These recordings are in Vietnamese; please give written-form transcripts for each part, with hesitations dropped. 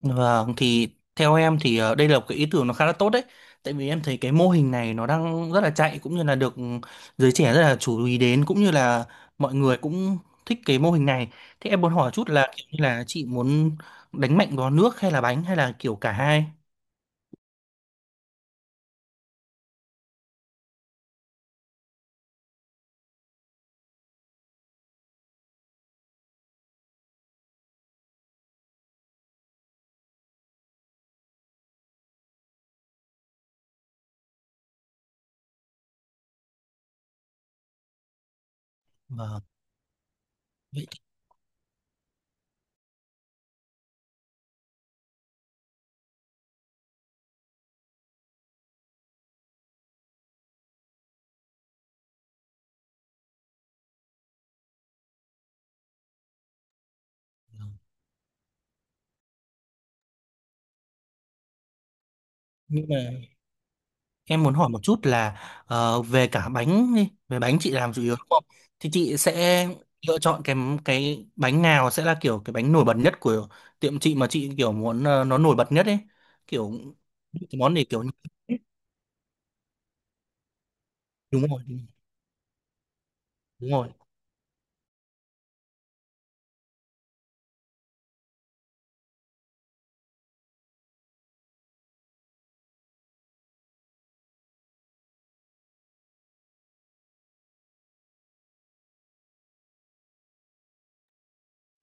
Vâng, thì theo em thì đây là một cái ý tưởng nó khá là tốt đấy. Tại vì em thấy cái mô hình này nó đang rất là chạy cũng như là được giới trẻ rất là chú ý đến cũng như là mọi người cũng thích cái mô hình này. Thế em muốn hỏi chút là kiểu như là chị muốn đánh mạnh vào nước hay là bánh hay là kiểu cả hai? Vâng. Vậy thì- nhưng mà Em muốn hỏi một chút là về cả bánh đi, về bánh chị làm chủ yếu đúng không? Thì chị sẽ lựa chọn cái bánh nào sẽ là kiểu cái bánh nổi bật nhất của tiệm chị mà chị kiểu muốn nó nổi bật nhất ấy, kiểu cái món này kiểu đúng rồi, đúng rồi.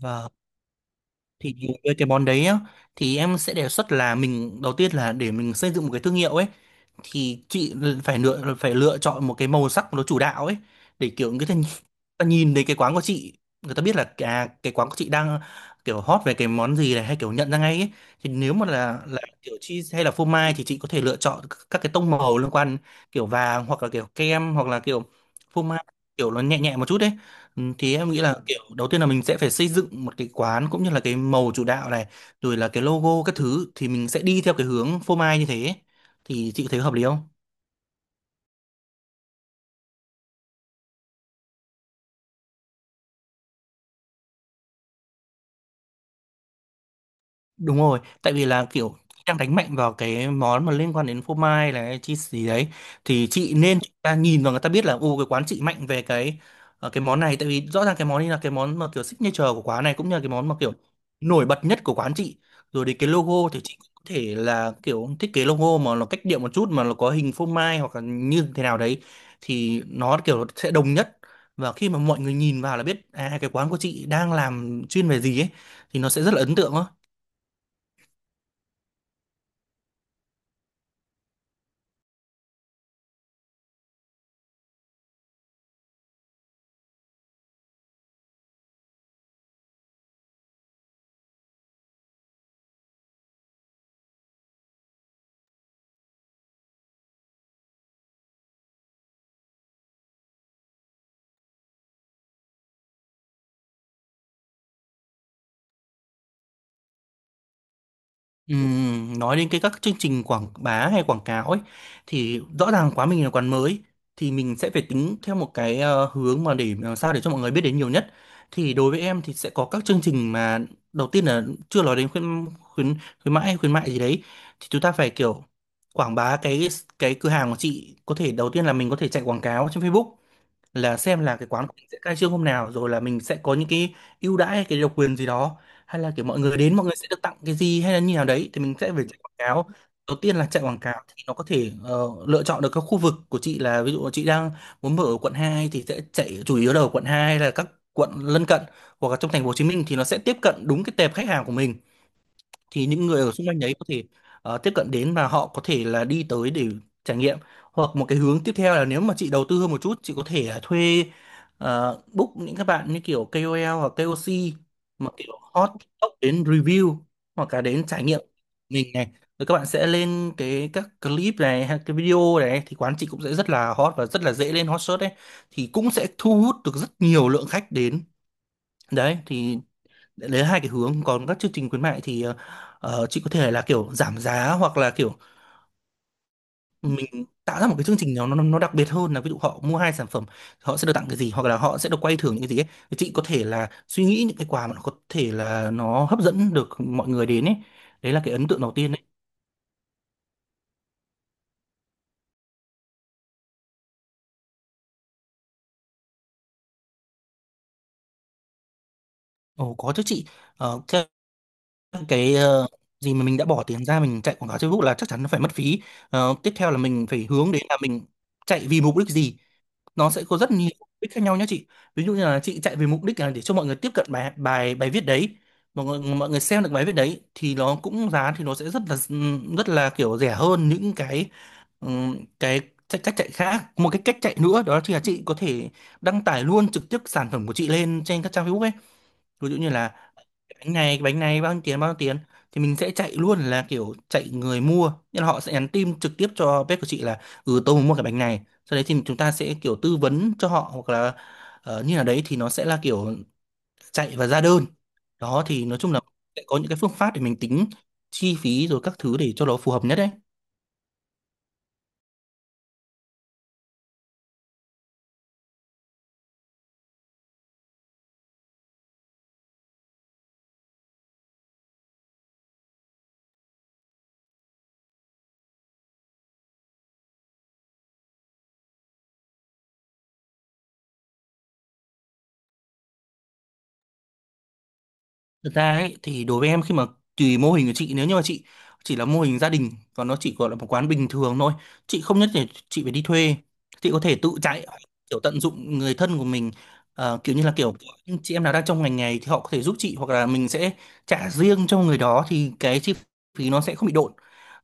Và thì với cái món đấy á, thì em sẽ đề xuất là mình đầu tiên là để mình xây dựng một cái thương hiệu ấy thì chị phải lựa chọn một cái màu sắc nó chủ đạo ấy để kiểu cái ta ta nhìn thấy cái quán của chị người ta biết là à, cái quán của chị đang kiểu hot về cái món gì này hay kiểu nhận ra ngay ấy. Thì nếu mà là kiểu cheese hay là phô mai thì chị có thể lựa chọn các cái tông màu liên quan kiểu vàng hoặc là kiểu kem hoặc là kiểu phô mai kiểu nó nhẹ nhẹ một chút đấy. Ừ, thì em nghĩ là kiểu đầu tiên là mình sẽ phải xây dựng một cái quán cũng như là cái màu chủ đạo này rồi là cái logo các thứ thì mình sẽ đi theo cái hướng phô mai như thế, thì chị có thấy hợp lý không? Đúng rồi, tại vì là kiểu đang đánh mạnh vào cái món mà liên quan đến phô mai này chi gì đấy thì chị nên chúng ta nhìn vào người ta biết là ô cái quán chị mạnh về cái cái món này, tại vì rõ ràng cái món này là cái món mà kiểu signature của quán này cũng như là cái món mà kiểu nổi bật nhất của quán chị. Rồi đến cái logo thì chị cũng có thể là kiểu thiết kế logo mà nó cách điệu một chút mà nó có hình phô mai hoặc là như thế nào đấy thì nó kiểu sẽ đồng nhất và khi mà mọi người nhìn vào là biết à cái quán của chị đang làm chuyên về gì ấy thì nó sẽ rất là ấn tượng á. Nói đến cái các chương trình quảng bá hay quảng cáo ấy thì rõ ràng quá mình là quán mới thì mình sẽ phải tính theo một cái hướng mà để làm sao để cho mọi người biết đến nhiều nhất, thì đối với em thì sẽ có các chương trình mà đầu tiên là chưa nói đến khuyến khuyến khuyến mãi hay khuyến mại gì đấy thì chúng ta phải kiểu quảng bá cái cửa hàng của chị, có thể đầu tiên là mình có thể chạy quảng cáo trên Facebook là xem là cái quán của mình sẽ khai trương hôm nào rồi là mình sẽ có những cái ưu đãi hay cái độc quyền gì đó hay là kiểu mọi người đến mọi người sẽ được tặng cái gì hay là như nào đấy thì mình sẽ phải chạy quảng cáo. Đầu tiên là chạy quảng cáo thì nó có thể lựa chọn được các khu vực của chị là ví dụ là chị đang muốn mở ở quận 2 thì sẽ chạy chủ yếu là ở quận 2 hay là các quận lân cận hoặc là trong thành phố Hồ Chí Minh thì nó sẽ tiếp cận đúng cái tệp khách hàng của mình, thì những người ở xung quanh đấy có thể tiếp cận đến và họ có thể là đi tới để trải nghiệm. Hoặc một cái hướng tiếp theo là nếu mà chị đầu tư hơn một chút chị có thể là thuê book những các bạn như kiểu KOL hoặc KOC mà kiểu hot TikTok đến review hoặc là đến trải nghiệm mình này, rồi các bạn sẽ lên cái các clip này hay cái video này thì quán chị cũng sẽ rất là hot và rất là dễ lên hot search đấy thì cũng sẽ thu hút được rất nhiều lượng khách đến. Đấy thì đấy là hai cái hướng. Còn các chương trình khuyến mại thì chị có thể là kiểu giảm giá hoặc là kiểu mình tạo ra một cái chương trình nào nó đặc biệt hơn, là ví dụ họ mua hai sản phẩm họ sẽ được tặng cái gì hoặc là họ sẽ được quay thưởng những cái gì ấy. Thì chị có thể là suy nghĩ những cái quà mà nó có thể là nó hấp dẫn được mọi người đến ấy, đấy là cái ấn tượng đầu tiên đấy. Ồ có chứ chị. Ờ, cái, cái ờ, gì mà mình đã bỏ tiền ra mình chạy quảng cáo Facebook là chắc chắn nó phải mất phí. Ờ, tiếp theo là mình phải hướng đến là mình chạy vì mục đích gì, nó sẽ có rất nhiều mục đích khác nhau nhé chị. Ví dụ như là chị chạy về mục đích là để cho mọi người tiếp cận bài bài bài viết đấy, mọi người xem được bài viết đấy thì nó cũng giá thì nó sẽ rất là kiểu rẻ hơn những cái cách chạy khác. Một cái cách chạy nữa đó chính là chị có thể đăng tải luôn trực tiếp sản phẩm của chị lên trên các trang Facebook ấy, ví dụ như là bánh này bao nhiêu tiền thì mình sẽ chạy luôn là kiểu chạy người mua nên họ sẽ nhắn tin trực tiếp cho bếp của chị là ừ tôi muốn mua cái bánh này, sau đấy thì chúng ta sẽ kiểu tư vấn cho họ hoặc là như là đấy thì nó sẽ là kiểu chạy và ra đơn. Đó thì nói chung là sẽ có những cái phương pháp để mình tính chi phí rồi các thứ để cho nó phù hợp nhất đấy. Thực ra ấy, thì đối với em khi mà tùy mô hình của chị, nếu như mà chị chỉ là mô hình gia đình và nó chỉ gọi là một quán bình thường thôi chị không nhất thiết chị phải đi thuê, chị có thể tự chạy hoặc kiểu tận dụng người thân của mình. Ờ, kiểu như là kiểu những chị em nào đang trong ngành này thì họ có thể giúp chị hoặc là mình sẽ trả riêng cho người đó thì cái chi phí nó sẽ không bị độn,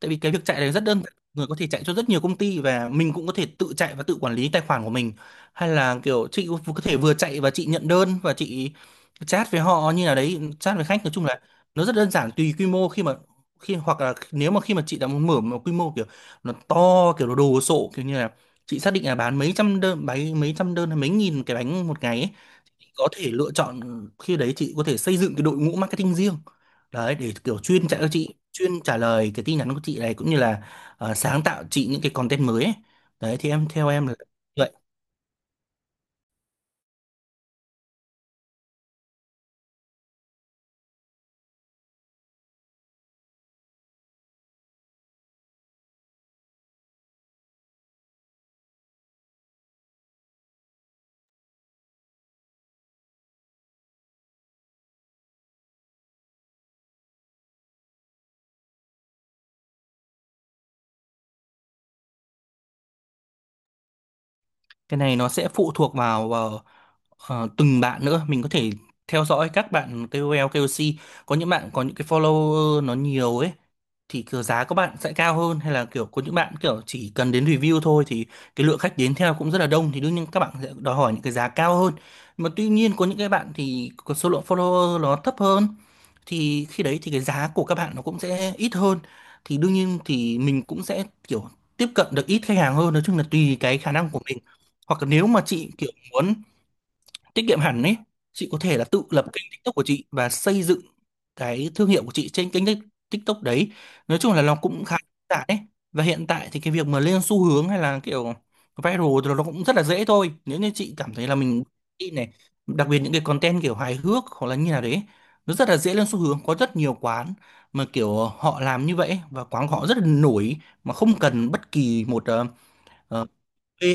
tại vì cái việc chạy này rất đơn giản, người có thể chạy cho rất nhiều công ty và mình cũng có thể tự chạy và tự quản lý tài khoản của mình hay là kiểu chị có thể vừa chạy và chị nhận đơn và chị chat với họ như nào đấy, chat với khách. Nói chung là nó rất đơn giản tùy quy mô. Khi mà khi hoặc là nếu mà khi mà chị đã muốn mở một quy mô kiểu nó to kiểu nó đồ sộ kiểu như là chị xác định là bán mấy mấy trăm đơn hay mấy nghìn cái bánh một ngày ấy, thì có thể lựa chọn khi đấy chị có thể xây dựng cái đội ngũ marketing riêng đấy để kiểu chuyên trả cho chị, chuyên trả lời cái tin nhắn của chị này cũng như là sáng tạo chị những cái content mới ấy. Đấy thì em, theo em là vậy. Cái này nó sẽ phụ thuộc vào từng bạn nữa. Mình có thể theo dõi các bạn KOL KOC, có những bạn có những cái follower nó nhiều ấy thì kiểu giá các bạn sẽ cao hơn, hay là kiểu có những bạn kiểu chỉ cần đến review thôi thì cái lượng khách đến theo cũng rất là đông, thì đương nhiên các bạn sẽ đòi hỏi những cái giá cao hơn. Nhưng mà tuy nhiên có những cái bạn thì có số lượng follower nó thấp hơn thì khi đấy thì cái giá của các bạn nó cũng sẽ ít hơn, thì đương nhiên thì mình cũng sẽ kiểu tiếp cận được ít khách hàng hơn. Nói chung là tùy cái khả năng của mình. Hoặc là nếu mà chị kiểu muốn tiết kiệm hẳn ấy, chị có thể là tự lập kênh TikTok của chị và xây dựng cái thương hiệu của chị trên TikTok đấy. Nói chung là nó cũng khá đơn giản ấy, và hiện tại thì cái việc mà lên xu hướng hay là kiểu viral thì nó cũng rất là dễ thôi, nếu như chị cảm thấy là mình đi này. Đặc biệt những cái content kiểu hài hước hoặc là như nào đấy nó rất là dễ lên xu hướng. Có rất nhiều quán mà kiểu họ làm như vậy ấy, và quán của họ rất là nổi mà không cần bất kỳ một ờ,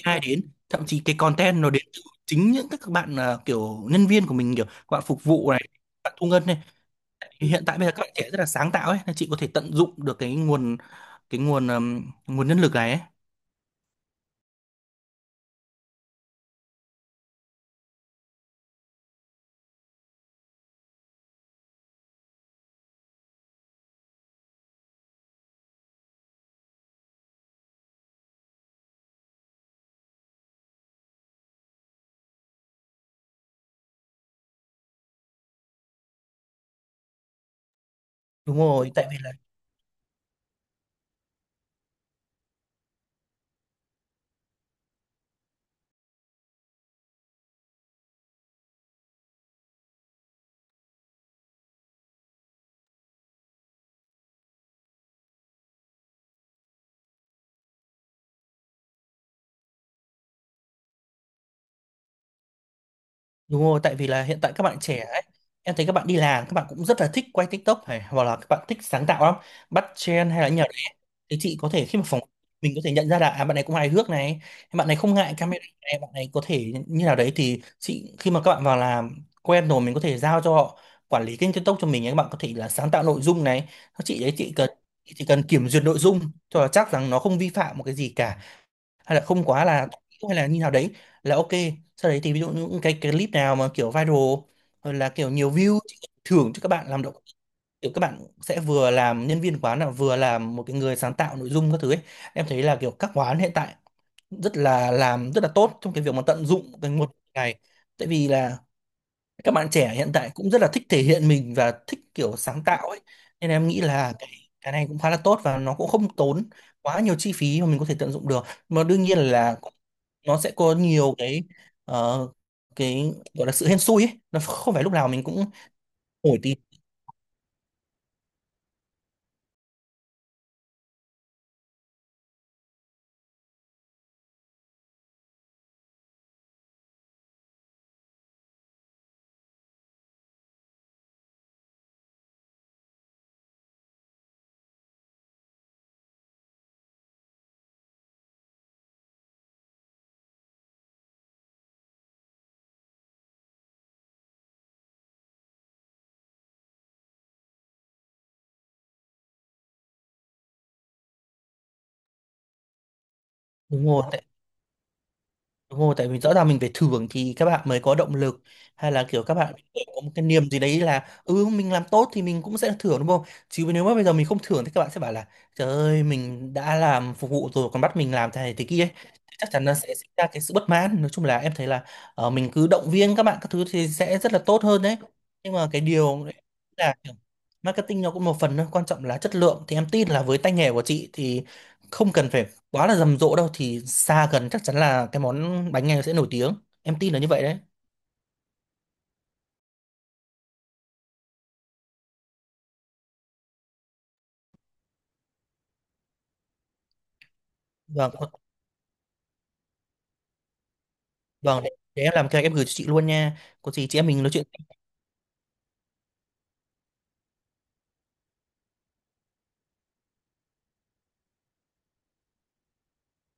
AI đến. Thậm chí cái content nó đến từ chính những các bạn à, kiểu nhân viên của mình, kiểu các bạn phục vụ này, các bạn thu ngân này. Thì hiện tại bây giờ các bạn trẻ rất là sáng tạo ấy, nên chị có thể tận dụng được cái nguồn, cái nguồn nguồn nhân lực này ấy. Đúng rồi, tại vì là đúng rồi, tại vì là hiện tại các bạn trẻ ấy, em thấy các bạn đi làm, các bạn cũng rất là thích quay TikTok này, hoặc là các bạn thích sáng tạo lắm, bắt trend hay là nhờ đấy. Thì chị có thể khi mà phỏng, mình có thể nhận ra là à, bạn này cũng hài hước này, bạn này không ngại camera này, bạn này có thể như nào đấy, thì chị khi mà các bạn vào làm quen rồi mình có thể giao cho họ quản lý kênh TikTok cho mình ấy, các bạn có thể là sáng tạo nội dung này. Các chị đấy, chị cần, chị chỉ cần kiểm duyệt nội dung cho là chắc rằng nó không vi phạm một cái gì cả, hay là không quá là, hay là như nào đấy là ok. Sau đấy thì ví dụ những cái clip nào mà kiểu viral hoặc là kiểu nhiều view thì thưởng cho các bạn làm động, kiểu các bạn sẽ vừa làm nhân viên quán là vừa làm một cái người sáng tạo nội dung các thứ ấy. Em thấy là kiểu các quán hiện tại rất là làm rất là tốt trong cái việc mà tận dụng cái nguồn này. Tại vì là các bạn trẻ hiện tại cũng rất là thích thể hiện mình và thích kiểu sáng tạo ấy, nên em nghĩ là cái này cũng khá là tốt và nó cũng không tốn quá nhiều chi phí mà mình có thể tận dụng được. Mà đương nhiên là nó sẽ có nhiều cái, ờ, cái gọi là sự hên xui ấy, nó không phải lúc nào mình cũng nổi tiếng. Đúng rồi, đúng rồi, tại vì rõ ràng mình phải thưởng thì các bạn mới có động lực, hay là kiểu các bạn có một cái niềm gì đấy là ừ mình làm tốt thì mình cũng sẽ thưởng đúng không? Chứ nếu mà bây giờ mình không thưởng thì các bạn sẽ bảo là trời ơi, mình đã làm phục vụ rồi còn bắt mình làm thế này thế kia ấy. Chắc chắn nó sẽ sinh ra cái sự bất mãn. Nói chung là em thấy là mình cứ động viên các bạn các thứ thì sẽ rất là tốt hơn đấy. Nhưng mà cái điều đấy là kiểu marketing nó cũng một phần thôi, quan trọng là chất lượng, thì em tin là với tay nghề của chị thì không cần phải quá là rầm rộ đâu, thì xa gần chắc chắn là cái món bánh này sẽ nổi tiếng, em tin là như vậy đấy. Vâng. vâng để, để em làm cái em gửi cho chị luôn nha, có gì chị em mình nói chuyện